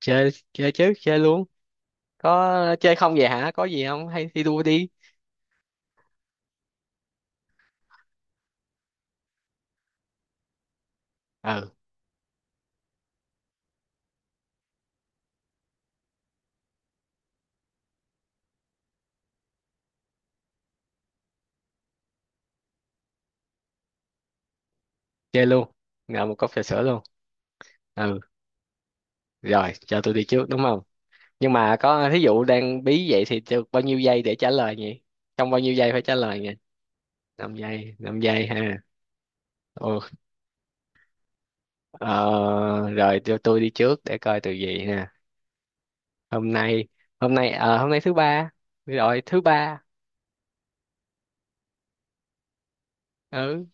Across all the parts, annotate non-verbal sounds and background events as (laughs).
Chơi chơi chứ, chơi luôn. Có chơi không vậy hả? Có gì không, hay thi đua đi. Ừ, chơi luôn. Ngậm một cốc trà sữa luôn. Ừ, rồi cho tôi đi trước đúng không? Nhưng mà có thí dụ đang bí vậy thì được bao nhiêu giây để trả lời nhỉ? Trong bao nhiêu giây phải trả lời nhỉ? 5 giây, 5 giây ha. Ồ, ờ, rồi cho tôi đi trước để coi từ gì nè. Hôm nay hôm nay ờ, hôm nay thứ ba. Rồi, thứ ba. Ừ,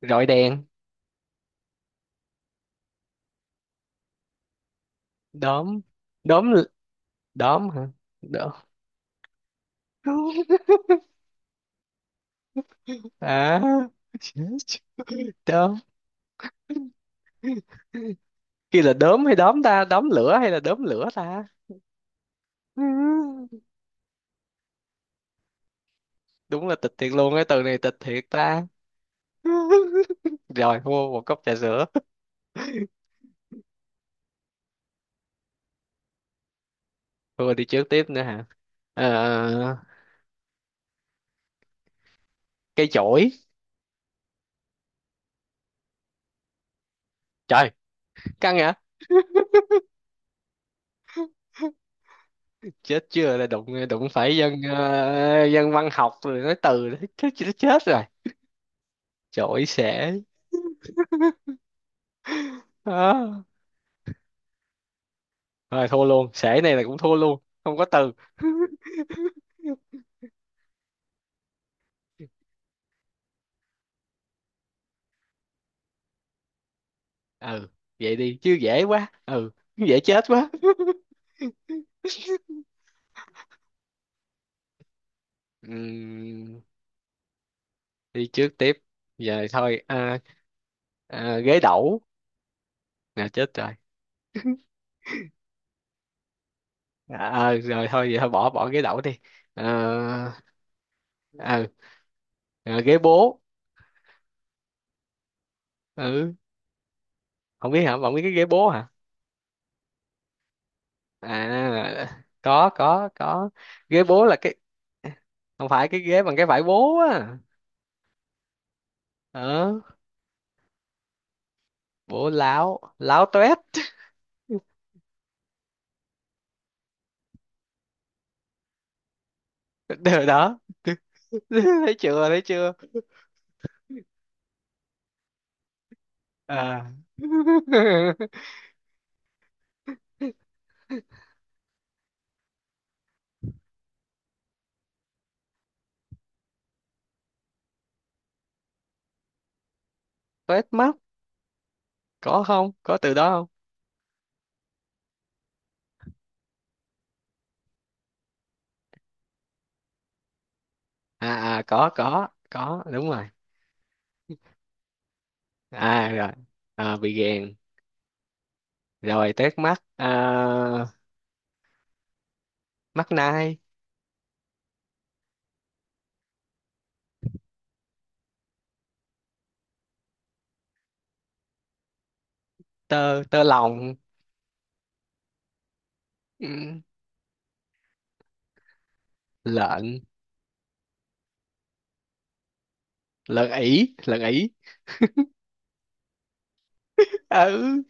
rồi đèn. Đóm, đóm, đóm hả? Đóm. (laughs) À. (laughs) Đốm, kia là đốm hay đóm ta, đóm lửa hay là đốm lửa ta? (laughs) Ừ, đúng là tịch thiệt luôn, cái từ này tịch thiệt ta. (laughs) Rồi mua một cốc trà sữa. (laughs) Thôi đi trước tiếp nữa hả? Ờ, cây chổi. Trời, căng hả? Chết chưa là đụng đụng phải dân dân văn học rồi nói từ đấy. (laughs) Chết chết chết rồi. Chổi xể. Đó. Rồi thua luôn, xể này là cũng thua luôn, không có từ. (laughs) Ừ, vậy đi chứ, dễ quá. Ừ, dễ chết quá. (laughs) Ừm, đi trước tiếp giờ thôi, à, à, ghế đẩu, nè chết rồi. À, à, rồi thôi vậy, thôi bỏ bỏ ghế đẩu đi. À, à, à, ghế bố. Ừ, không biết hả? Không biết cái ghế bố hả? À, có có. Ghế bố là cái, không phải cái ghế bằng cái vải bố á. Ờ, bố láo, láo toét. (laughs) Đó, thấy chưa, thấy chưa? À. (laughs) Toét mắt, có không, có từ đó không? À, à, có, đúng rồi. À, rồi. À, bị gèn. Rồi tét mắt à, mắt nai. Tơ tơ lòng. Ừ, lợn. Lợn ỉ, lợn ỉ. Ừ.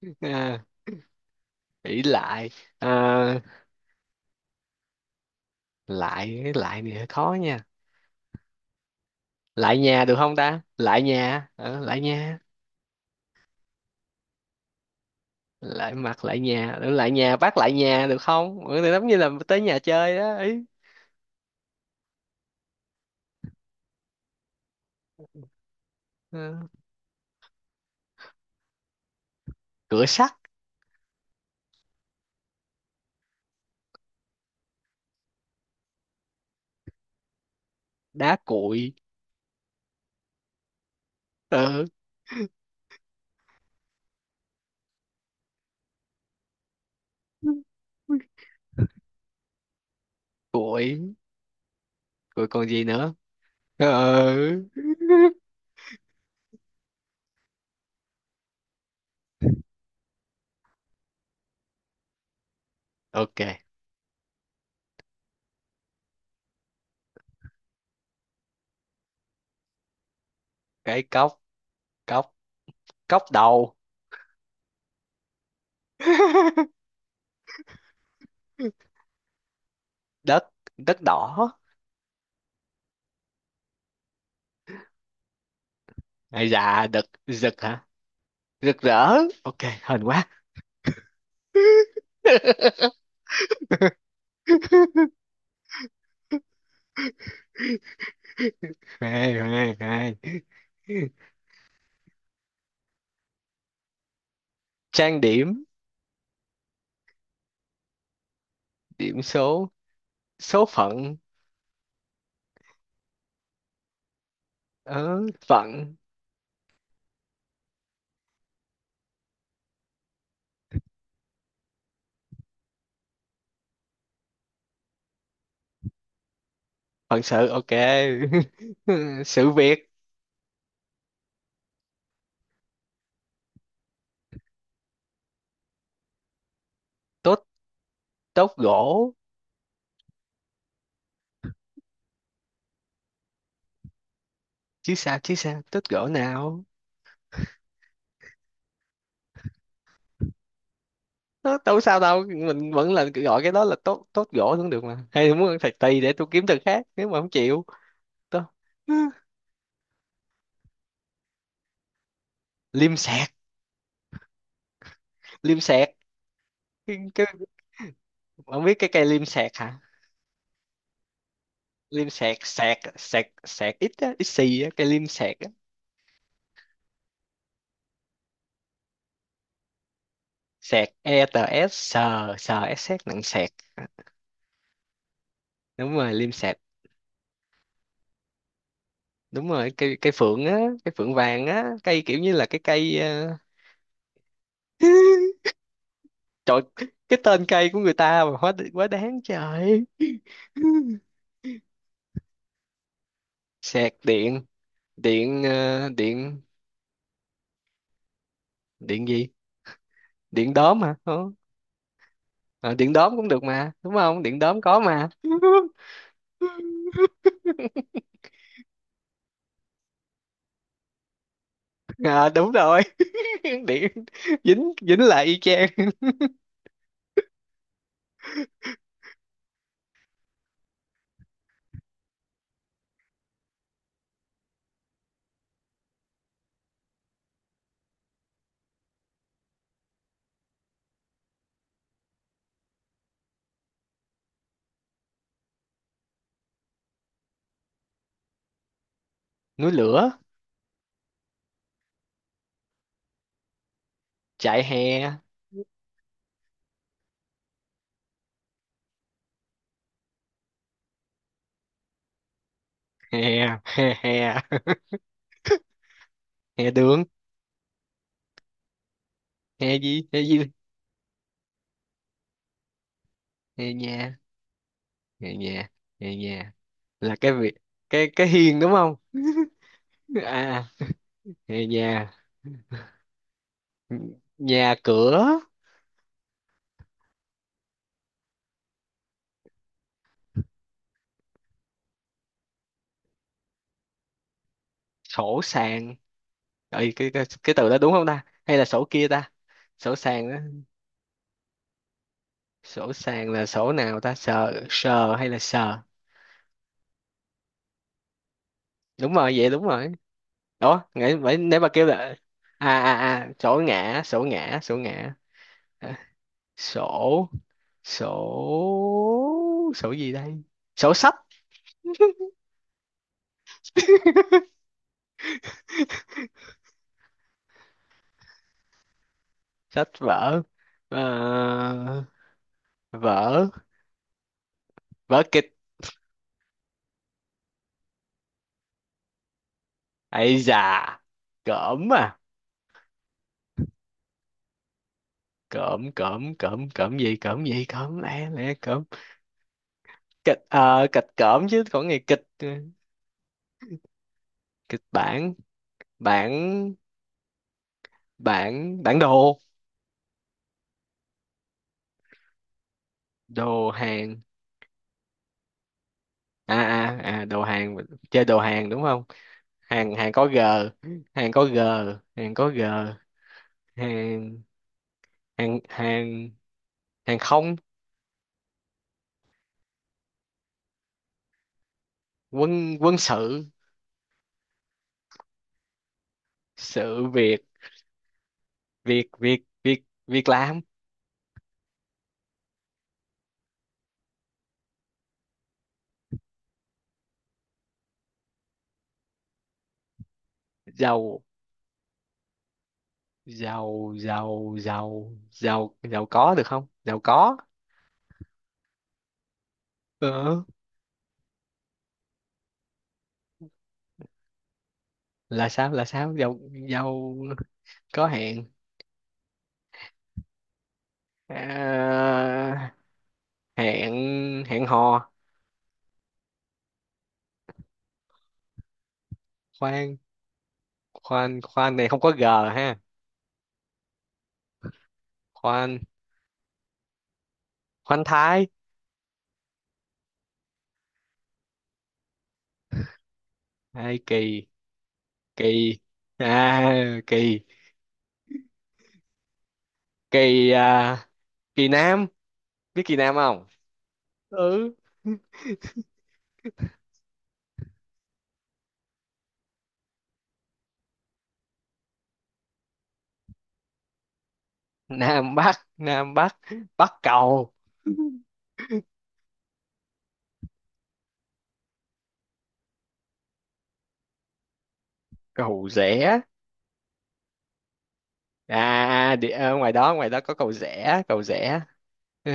(laughs) À, ỉ lại. À, lại, cái lại này hơi khó nha. Lại nhà được không ta? Lại nhà. Ờ, lại nhà. Lại mặt, lại nhà, lại nhà bác, lại nhà được không? Ừ, thì giống như là tới nhà chơi đó ý. Ừ. Cửa sắt. Đá cuội. Ừ. Cuội, cuội còn gì nữa. Ừ. Ok, cái cốc. Cốc. Cốc đầu. Đất. Đất đỏ. Ai dạ, đực rực hả? Rực rỡ. Ok, hên quá. (laughs) Hay hay hay. Trang điểm. Điểm số. Số phận. Ờ, phận, phận sự. Ok. (laughs) Sự việc. Tốt, tốt gỗ. Chứ sao, chứ sao tốt gỗ nào? Ờ, đâu sao đâu, mình vẫn là gọi cái đó là tốt, tốt gỗ cũng được mà, hay muốn ăn thạch tỳ để tôi kiếm từ khác nếu mà không chịu. Tôi. (gasps) (laughs) Liêm sẹt, liêm sẹt. Cái, cái, không biết cái cây liêm sẹt hả? Liêm sẹt, sẹt sẹt sẹt, ít á, ít xì á, cây liêm sẹt á. Sẹt e t, s sờ s, s nặng sẹt. Đúng rồi, liêm sẹt, đúng rồi, cây cây phượng á. Cây phượng vàng á, cây kiểu như là cái cây. Ờ, (laughs) Trời, cái tên cây của người ta mà hóa quá đáng trời. (laughs) Sạc điện. Điện, điện, điện gì, điện đóm hả? Ờ, ờ, điện đóm cũng được mà đúng không, điện đóm có mà. (laughs) À, đúng rồi. (laughs) Điện. Dính, dính lại y chang. Núi lửa, chạy hè. Hè, hè, hè, hè đường. Hè gì, hè gì, hè nhà. Nghe nhà, nghe nhà là cái việc, cái hiên đúng không? À, nghe nhà, nhà cửa, sổ sàn. Ê, cái từ đó đúng không ta, hay là sổ kia ta? Sổ sàn đó, sổ sàn là sổ nào ta, sờ sờ hay là sờ? Đúng rồi vậy, đúng rồi. Đó nãy vậy, nếu mà kêu là sổ ngã, sổ ngã, sổ ngã. À, sổ sổ, sổ gì đây, sổ sách. Sách vở. Ờ, vở, vớ kịch. Ấy già, cỡm à, cỡm cỡm cỡm, cỡm gì, cỡm gì, cỡm lẽ, lẽ cỡm. Kịch, kịch cỡm chứ, còn ngày kịch, ừ. Kịch bản. Bản, bản, bản đồ. Đồ hàng, đồ hàng, chơi đồ hàng đúng không? Hàng, hàng có g, hàng có g, hàng có g, hàng, hàng, hàng, hàng không. Quân, quân sự, sự việc. Việc, việc, việc, việc làm, giàu. Giàu, giàu, giàu, giàu, giàu có được không, giàu có. Ờ, là sao, là sao? Giàu, giàu có hẹn. À, hẹn, hẹn hò, khoan. Khoan, khoan này không có g ha. Khoan, khoan thái. Hay kỳ, kỳ à, kỳ. Kỳ à, kỳ nam, biết kỳ nam không? Ừ, nam bắc, nam bắc, bắc cầu, cầu rẽ. À, à, đi ngoài đó, ngoài đó có cầu rẽ, cầu rẽ. Ờ,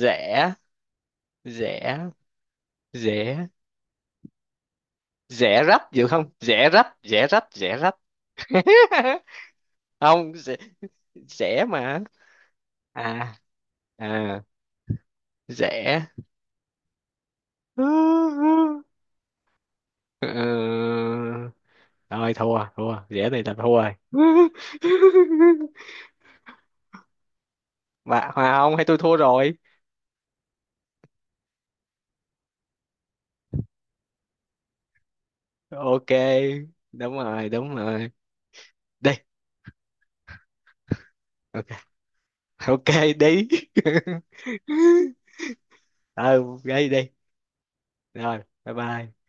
rẽ, rẽ, rẽ. Rẽ rách được không, rẽ rách, rẽ rách, rẽ rách. (laughs) Không, rẽ. Rẽ mà, à, à, rẽ. Ờ, thôi, thua, thua rẽ này là thua rồi. (laughs) Bà Hòa, không hay tôi thua rồi? Ok, đúng rồi, đúng rồi. Đi. Ok, ok. Đi. (laughs) Ừ, đi đi. Rồi, bye bye.